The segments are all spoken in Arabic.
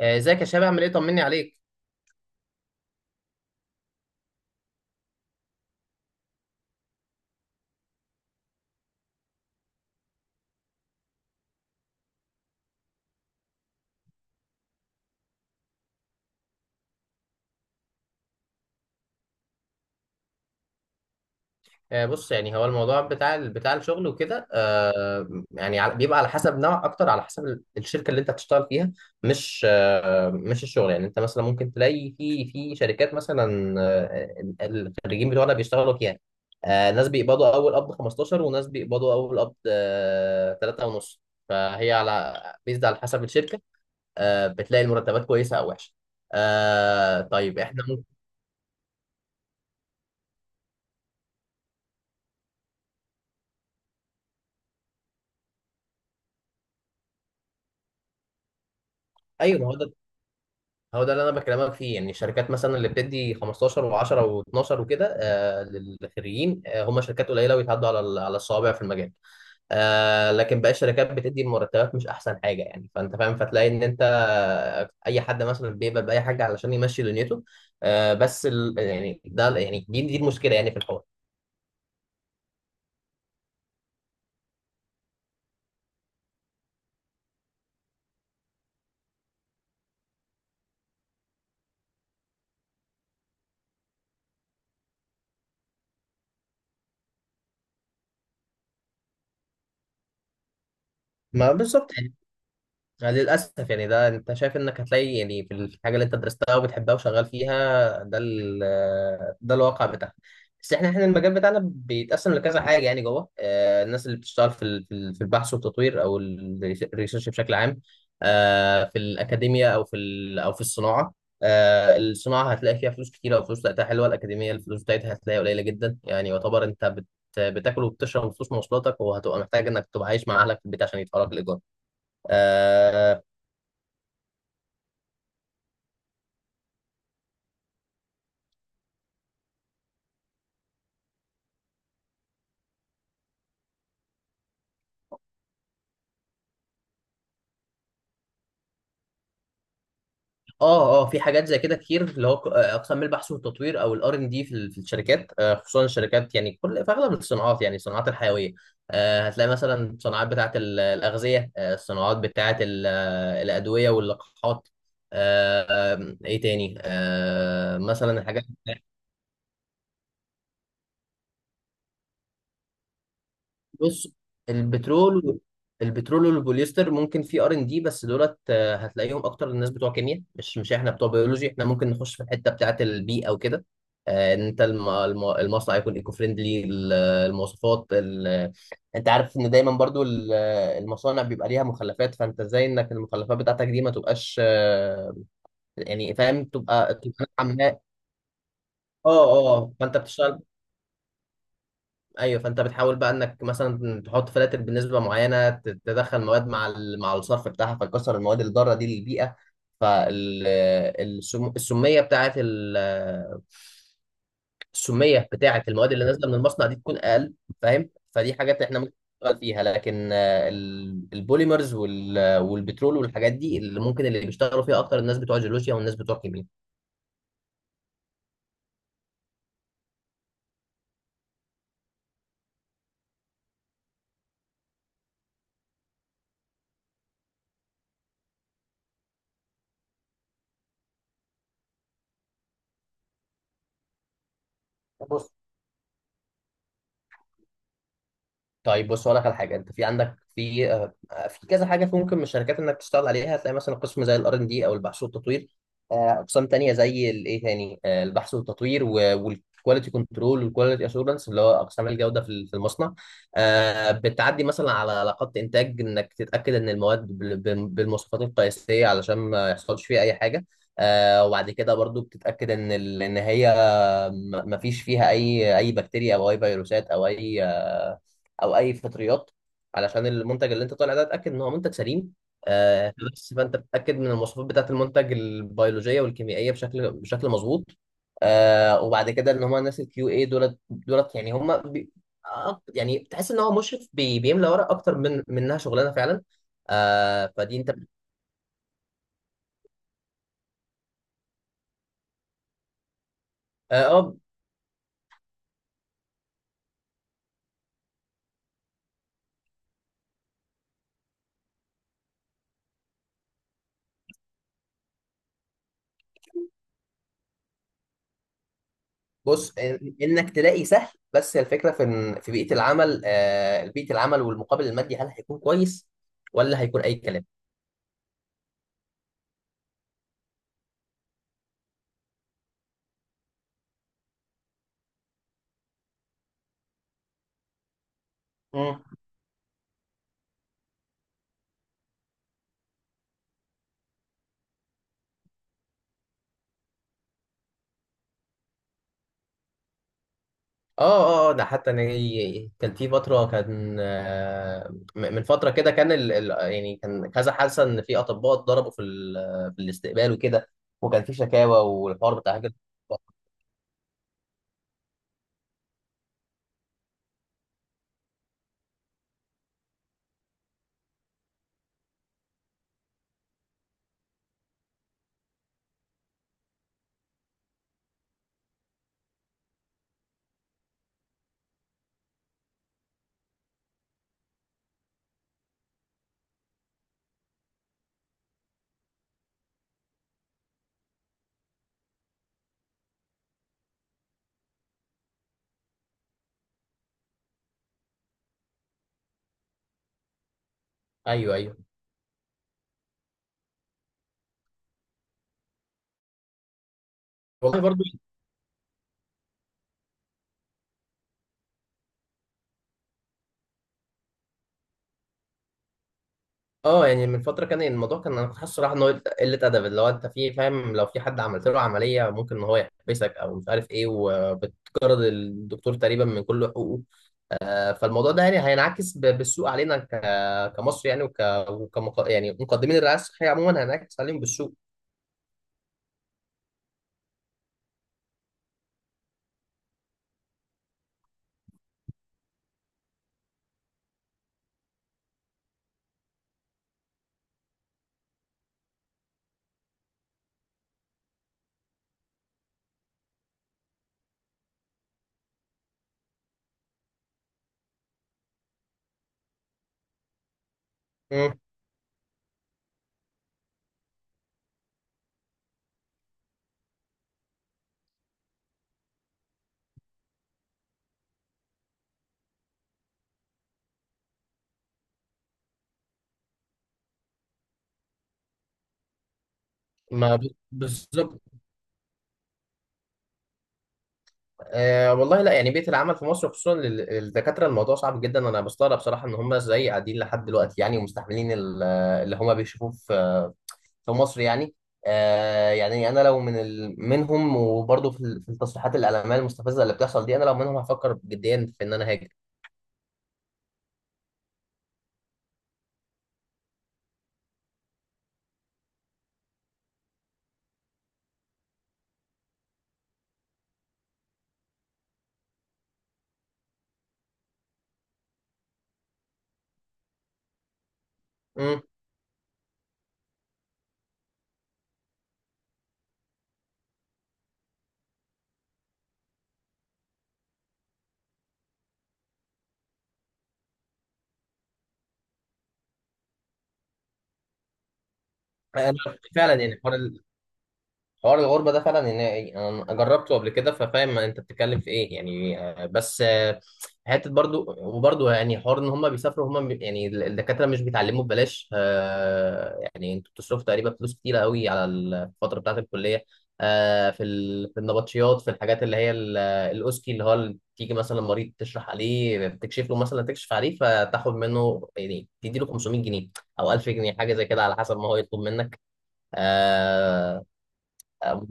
ازيك يا شباب، عامل ايه؟ طمني عليك. بص، يعني هو الموضوع بتاع الشغل وكده. بيبقى على حسب نوع، اكتر على حسب الشركه اللي انت هتشتغل فيها. مش الشغل، يعني انت مثلا ممكن تلاقي في شركات مثلا، الخريجين بتوعنا بيشتغلوا فيها. ناس بيقبضوا اول قبض 15، وناس بيقبضوا اول قبض 3 ونص. فهي على بيزد على حسب الشركه. بتلاقي المرتبات كويسه او وحشه. طيب، احنا ممكن. ايوه، ما هو ده، هو ده اللي انا بكلمك فيه. يعني الشركات مثلا اللي بتدي 15 و10 و12 وكده، للخريجين، هم شركات قليله ويتعدوا على الصوابع في المجال. لكن باقي الشركات بتدي المرتبات مش احسن حاجه، يعني فانت فاهم. فتلاقي ان انت، اي حد مثلا بيقبل باي حاجه علشان يمشي دنيته. بس ال يعني ده يعني دي المشكله يعني، في الحوار. ما بالظبط. يعني للأسف، يعني ده أنت شايف إنك هتلاقي يعني في الحاجة اللي أنت درستها وبتحبها وشغال فيها، ده ال آه، ده الواقع بتاعها. بس إحنا المجال بتاعنا بيتقسم لكذا حاجة، يعني جوه الناس اللي بتشتغل في البحث والتطوير، أو الريسيرش بشكل عام. في الأكاديمية، أو في الصناعة. الصناعة هتلاقي فيها فلوس كتيرة، وفلوس بتاعتها حلوة. الأكاديمية الفلوس بتاعتها هتلاقيها قليلة جدا، يعني يعتبر أنت بتاكل وبتشرب فلوس مواصلاتك، وهتبقى محتاج انك تبقى عايش مع اهلك في البيت عشان يدفعوا لك الايجار. اه، اه، في حاجات زي كده كتير، اللي هو اقسام البحث والتطوير او الار ان دي في الشركات. خصوصا الشركات، يعني في اغلب الصناعات، يعني الصناعات الحيويه. هتلاقي مثلا الصناعات الاغذيه، الصناعات بتاعه ال- آه، الادويه واللقاحات. آه، ايه تاني؟ مثلا الحاجات. بص. البترول البترول والبوليستر ممكن في ار ان دي، بس دولت هتلاقيهم اكتر الناس بتوع كيمياء، مش احنا بتوع بيولوجي. احنا ممكن نخش في الحته بتاعه البيئه وكده، ان انت المصنع يكون ايكو فريندلي، المواصفات انت عارف ان دايما برضو المصانع بيبقى ليها مخلفات. فانت ازاي انك المخلفات بتاعتك دي ما تبقاش، يعني فاهم، تبقى نوعاً ما. اه، اه، فانت بتشتغل. ايوه، فانت بتحاول بقى انك مثلا تحط فلاتر بنسبه معينه، تدخل مواد مع الصرف بتاعها، فتكسر المواد اللي ضاره دي للبيئه. فالسميه بتاعت ال- السميه بتاعت المواد اللي نازله من المصنع دي تكون اقل. فاهم؟ فدي حاجات احنا ممكن نشتغل فيها، لكن البوليمرز والبترول والحاجات دي اللي ممكن، بيشتغلوا فيها اكتر الناس بتوع جيولوجيا والناس بتوع كيمياء. طيب، بص اقول لك على حاجه. انت عندك في كذا حاجه ممكن من الشركات انك تشتغل عليها. هتلاقي مثلا قسم زي الار ان دي او البحث والتطوير، اقسام تانية زي الايه تاني آه، البحث والتطوير، والكواليتي كنترول، والكواليتي اشورنس، اللي هو اقسام الجوده في المصنع. بتعدي مثلا على علاقات انتاج، انك تتاكد ان المواد بالمواصفات القياسيه، علشان ما يحصلش فيها اي حاجه. وبعد كده برضو بتتاكد ان هي ما فيش فيها اي بكتيريا، او اي فيروسات، او اي فطريات، علشان المنتج اللي انت طالع ده اتاكد ان هو منتج سليم. بس فانت بتتاكد من المواصفات بتاعه المنتج، البيولوجيه والكيميائيه، بشكل مظبوط. وبعد كده ان هم الناس الكيو اي دولت يعني هم بي آه، يعني تحس ان هو مشرف بيملى ورق اكتر من منها شغلانه فعلا. فدي انت. اه آه، بص، انك تلاقي سهل، بس الفكره في بيئه العمل، بيئه العمل والمقابل المادي هل هيكون كويس، ولا هيكون اي كلام؟ مم. اه، اه، ده حتى انا، كان في فتره، كان من فتره كده كان يعني كان كذا حادثه ان في اطباء اتضربوا في الاستقبال وكده، وكان في شكاوى والحوار بتاع هجرة الأطباء. ايوه، ايوه. والله برضو. اه، يعني من فتره كان الموضوع، كان انا كنت حاسس صراحه ان هو قله ادب، اللي هو انت فاهم، لو في حد عملت له عمليه ممكن ان هو يحبسك او مش عارف ايه، وبتجرد الدكتور تقريبا من كل حقوقه. فالموضوع ده يعني هينعكس بالسوء علينا كمصر، يعني يعني مقدمين الرعايه الصحيه عموما هينعكس عليهم بالسوء. مم. ما ب- بالظبط. والله، لا يعني، بيئه العمل في مصر، خصوصا للدكاتره، الموضوع صعب جدا. انا بستغرب صراحه ان هم ازاي قاعدين لحد دلوقتي، يعني ومستحملين اللي هم بيشوفوه في مصر يعني. يعني انا لو منهم، وبرضه في التصريحات الاعلاميه المستفزه اللي بتحصل دي، انا لو منهم هفكر جديا في ان انا هاجر. امم انا فعلا يعني، حوار الغربة ده فعلا، إن أنا جربته قبل كده، ففاهم أنت بتتكلم في إيه يعني. بس حتة، برضو يعني، حوار إن هم بيسافروا، يعني الدكاترة مش بيتعلموا ببلاش. يعني أنتوا بتصرفوا تقريبا فلوس كتيرة قوي على الفترة بتاعة الكلية. في النبطشيات، في الحاجات اللي هي الأوسكي، اللي هو تيجي مثلا مريض تشرح عليه، بتكشف له، مثلا تكشف عليه فتاخد منه يعني، تدي له 500 جنيه أو 1000 جنيه، حاجة زي كده على حسب ما هو يطلب منك. آه، آه،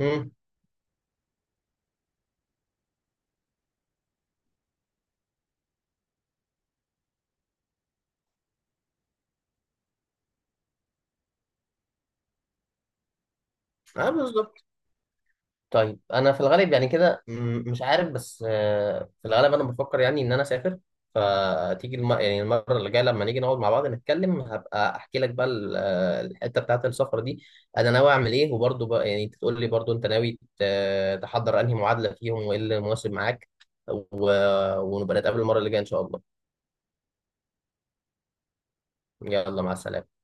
امم اه، بالظبط. طيب، انا في الغالب يعني كده، مش عارف. بس في الغالب انا بفكر يعني ان انا اسافر. فتيجي يعني المره اللي جايه، لما نيجي نقعد مع بعض نتكلم، هبقى احكي لك بقى الحته بتاعه السفر دي، انا ناوي اعمل ايه، وبرضه بقى يعني انت تقول لي برضه انت ناوي تحضر انهي معادله فيهم، وايه اللي مناسب معاك، و... ونبقى نتقابل المره اللي جايه ان شاء الله. يلا، مع السلامه.